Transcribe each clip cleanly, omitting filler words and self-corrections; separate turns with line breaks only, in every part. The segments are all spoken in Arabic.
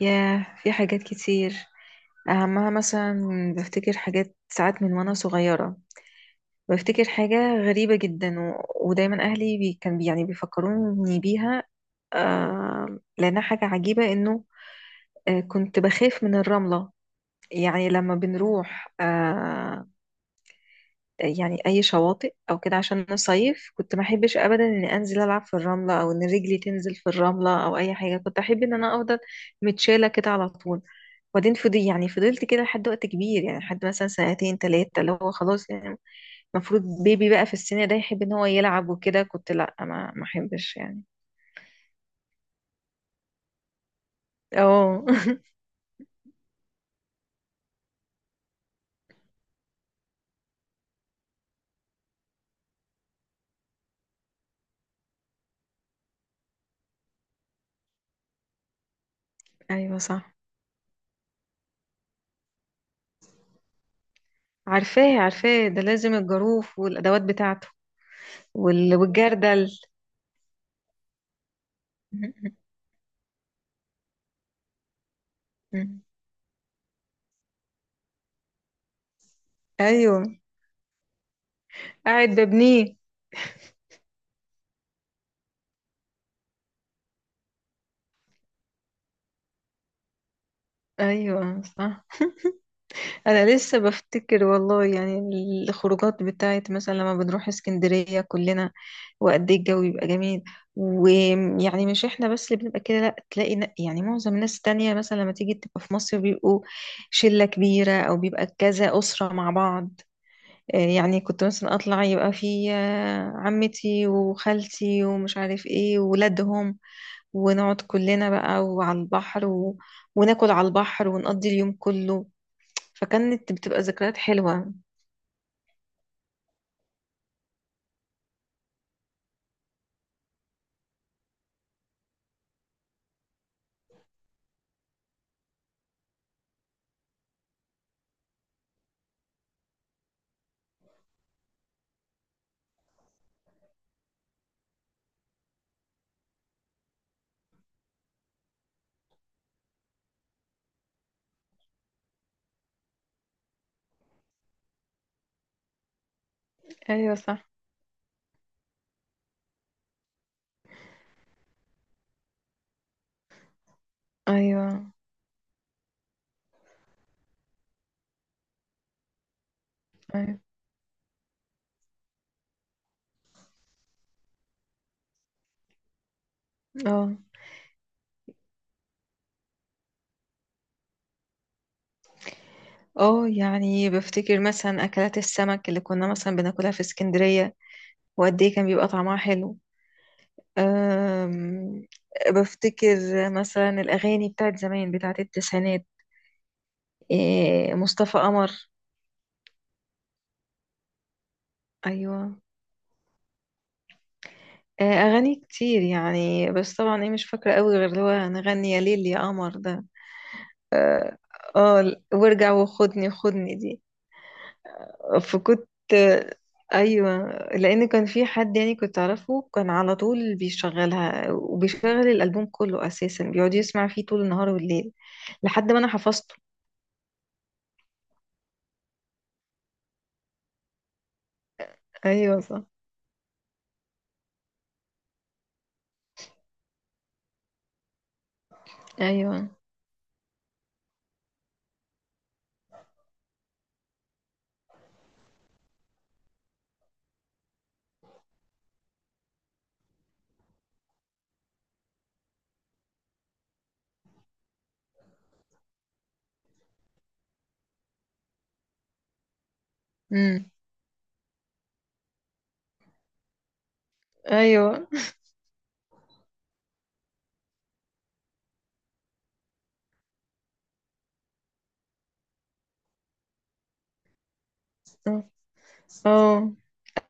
ياه، في حاجات كتير. أهمها مثلا بفتكر حاجات ساعات من وأنا صغيرة. بفتكر حاجة غريبة جدا ودايما أهلي بي... كان بي... يعني بيفكروني بيها. لأنها حاجة عجيبة إنه كنت بخاف من الرملة. يعني لما بنروح يعني أي شواطئ أو كده عشان نصيف، كنت ما أحبش أبدا إني أنزل ألعب في الرملة أو إن رجلي تنزل في الرملة أو أي حاجة. كنت أحب إن أنا أفضل متشالة كده على طول. وبعدين فضي يعني فضلت كده لحد وقت كبير، يعني لحد مثلا سنتين تلاتة، اللي هو خلاص يعني المفروض بيبي بقى في السن ده يحب ان هو يلعب وكده، كنت لا، ما احبش يعني. اه. ايوه صح. عارفاه عارفاه، ده لازم الجاروف والادوات بتاعته. والجردل. ايوه. قاعد ببنيه. ايوه صح. انا لسه بفتكر والله، يعني الخروجات بتاعت مثلا لما بنروح اسكندرية كلنا، وقد ايه الجو بيبقى جميل. ويعني مش احنا بس اللي بنبقى كده، لا، تلاقي معظم الناس التانية مثلا لما تيجي تبقى في مصر بيبقوا شلة كبيرة او بيبقى كذا أسرة مع بعض. يعني كنت مثلا اطلع يبقى في عمتي وخالتي ومش عارف ايه وولادهم، ونقعد كلنا بقى وعلى البحر، وناكل على البحر ونقضي اليوم كله. فكانت بتبقى ذكريات حلوة. ايوه صح. ايوه. ايوه. اه. اه يعني بفتكر مثلا اكلات السمك اللي كنا مثلا بناكلها في اسكندرية، وقد ايه كان بيبقى طعمها حلو. أم بفتكر مثلا الاغاني بتاعت زمان، بتاعت التسعينات. إيه، مصطفى قمر. ايوه. اغاني كتير يعني، بس طبعا ايه، مش فاكرة قوي غير اللي هو نغني يا ليل يا قمر ده. اه، وارجع وخدني خدني دي. فكنت ايوه، لان كان في حد يعني كنت اعرفه كان على طول بيشغلها، وبيشغل الالبوم كله اساسا، بيقعد يسمع فيه طول النهار والليل لحد ما انا حفظته. ايوه صح. ايوه. امم. ايوه. اه.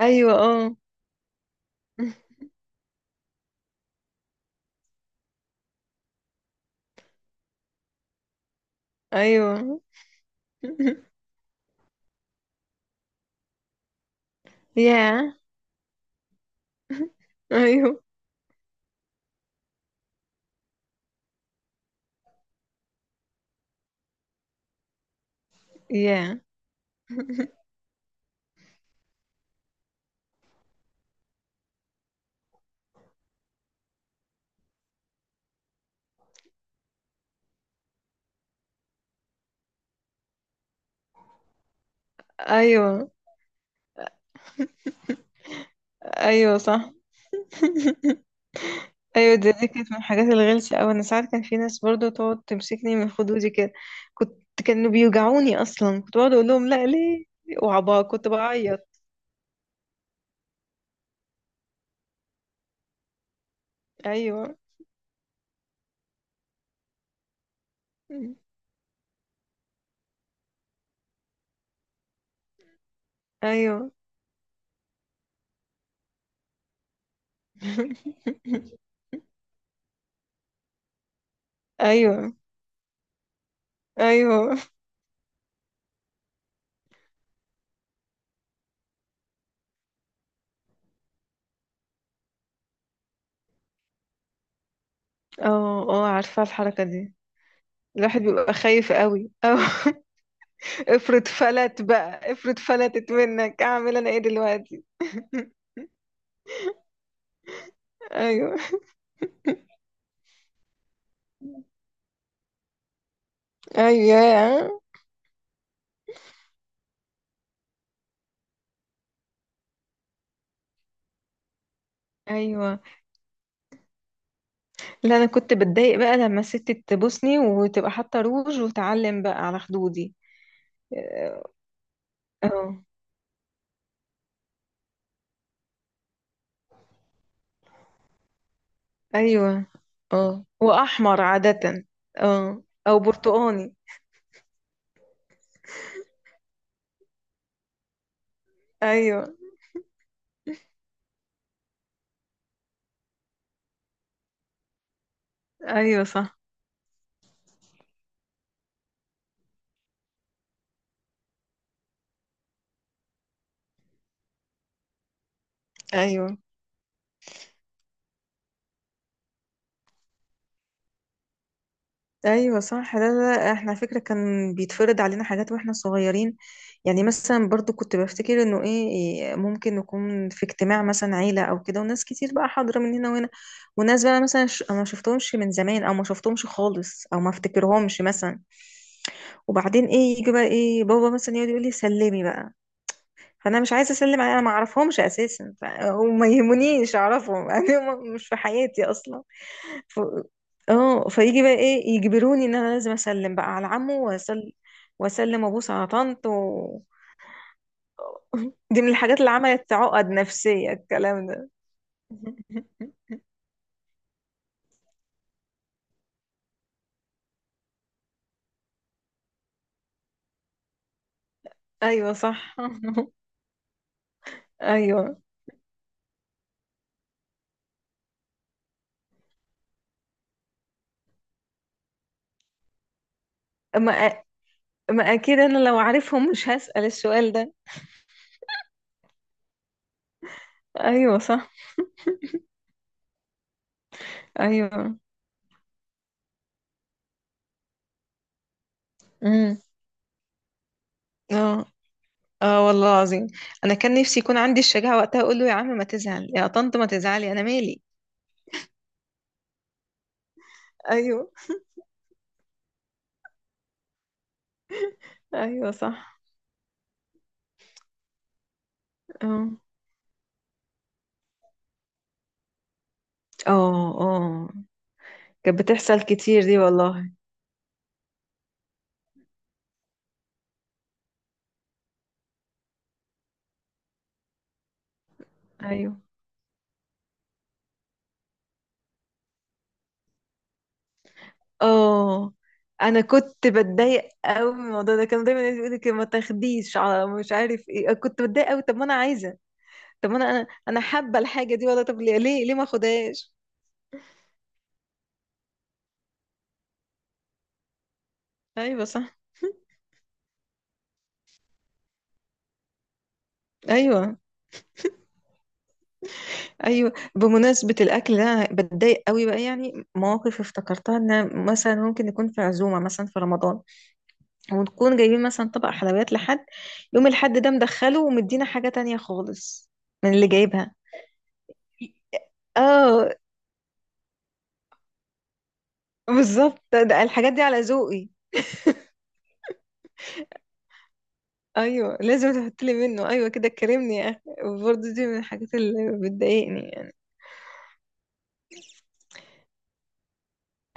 ايوه. اه. ايوه. يا. ايوه. يا. ايوه. ايوه صح. ايوه دي كانت من الحاجات الغلسه اوي. انا ساعات كان في ناس برضو تقعد تمسكني من خدودي كده، كنت كانوا بيوجعوني اصلا. كنت بقعد اقول لهم لا ليه، وعبا كنت بعيط. ايوه. ايوه. ايوه. ايوه. اه اه، عارفه الحركه دي. الواحد بيبقى خايف قوي أو افرض فلت بقى، افرض فلتت منك، اعمل انا ايه دلوقتي؟ ايوه. ايوه. ايوه، لا، انا كنت بتضايق بقى لما الست تبوسني وتبقى حاطه روج وتعلم بقى على خدودي. اه. ايوه. اه واحمر عاده. اه، او برتقاني. ايوه. ايوه صح. ايوه. ايوه صح. لا، احنا على فكره كان بيتفرض علينا حاجات واحنا صغيرين. يعني مثلا برضو كنت بفتكر انه ايه إيه، ممكن نكون في اجتماع مثلا عيله او كده وناس كتير بقى حاضره من هنا وهنا، وناس بقى مثلا ما شفتهمش من زمان او ما شفتهمش خالص او ما افتكرهمش مثلا. وبعدين ايه، يجي بقى ايه بابا مثلا يقعد يقول لي سلمي بقى، فانا مش عايزه اسلم عليه، انا ما اعرفهمش اساسا وما يهمنيش اعرفهم، يعني هم مش في حياتي اصلا. ف... اه، فيجي بقى ايه يجبروني ان انا لازم اسلم بقى على عمه، واسلم واسلم وابوس على طنط. دي من الحاجات اللي عملت عقد نفسيه الكلام ده. ايوه صح. ايوه. ما ما اكيد انا لو عارفهم مش هسأل السؤال ده. ايوه صح. ايوه. امم. اه. اه والله العظيم، انا كان نفسي يكون عندي الشجاعه وقتها اقول له يا عم ما تزعل، يا طنط ما تزعلي، انا مالي. ايوه. ايوه صح. اه. اه. اه كانت بتحصل كتير دي والله. ايوه. اه انا كنت بتضايق قوي من الموضوع ده. كانوا دايما يقولوا لك ما تاخديش على مش عارف ايه. كنت بتضايق قوي، طب ما انا عايزه. طب ما انا حابه الحاجه دي والله، طب ليه ما اخدهاش. ايوه صح. ايوه. ايوه بمناسبه الاكل ده، انا بتضايق قوي بقى يعني. مواقف افتكرتها ان مثلا ممكن نكون في عزومه مثلا في رمضان، ونكون جايبين مثلا طبق حلويات لحد، يوم الحد ده مدخله ومدينا حاجه تانية خالص من اللي جايبها. اه بالظبط، ده الحاجات دي على ذوقي. ايوه لازم تحط لي منه، ايوه كده كرمني يا اخي. برضه دي من الحاجات اللي بتضايقني يعني.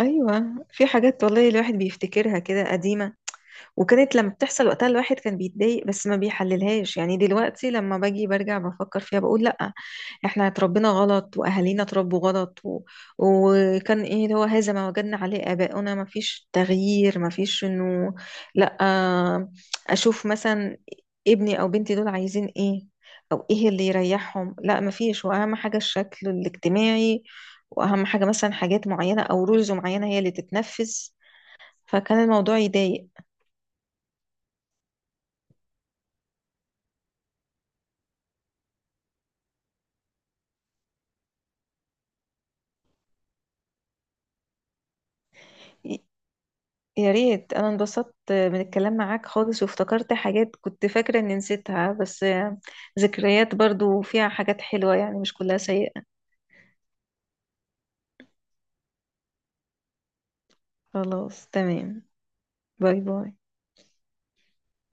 ايوه في حاجات والله الواحد بيفتكرها كده قديمه، وكانت لما بتحصل وقتها الواحد كان بيتضايق، بس ما بيحللهاش. يعني دلوقتي لما باجي برجع بفكر فيها بقول لأ، احنا اتربينا غلط واهالينا اتربوا غلط، وكان ايه اللي هو هذا ما وجدنا عليه آباؤنا، ما فيش تغيير، ما فيش انه لأ، اشوف مثلا ابني او بنتي دول عايزين ايه، او ايه اللي يريحهم. لا، ما فيش، واهم حاجة الشكل الاجتماعي، واهم حاجة مثلا حاجات معينة او رولز معينة هي اللي تتنفذ. فكان الموضوع يضايق. يا ريت، انا انبسطت من الكلام معاك خالص وافتكرت حاجات كنت فاكرة اني نسيتها، بس ذكريات برضو فيها حاجات حلوة يعني، مش كلها سيئة. خلاص تمام. باي باي.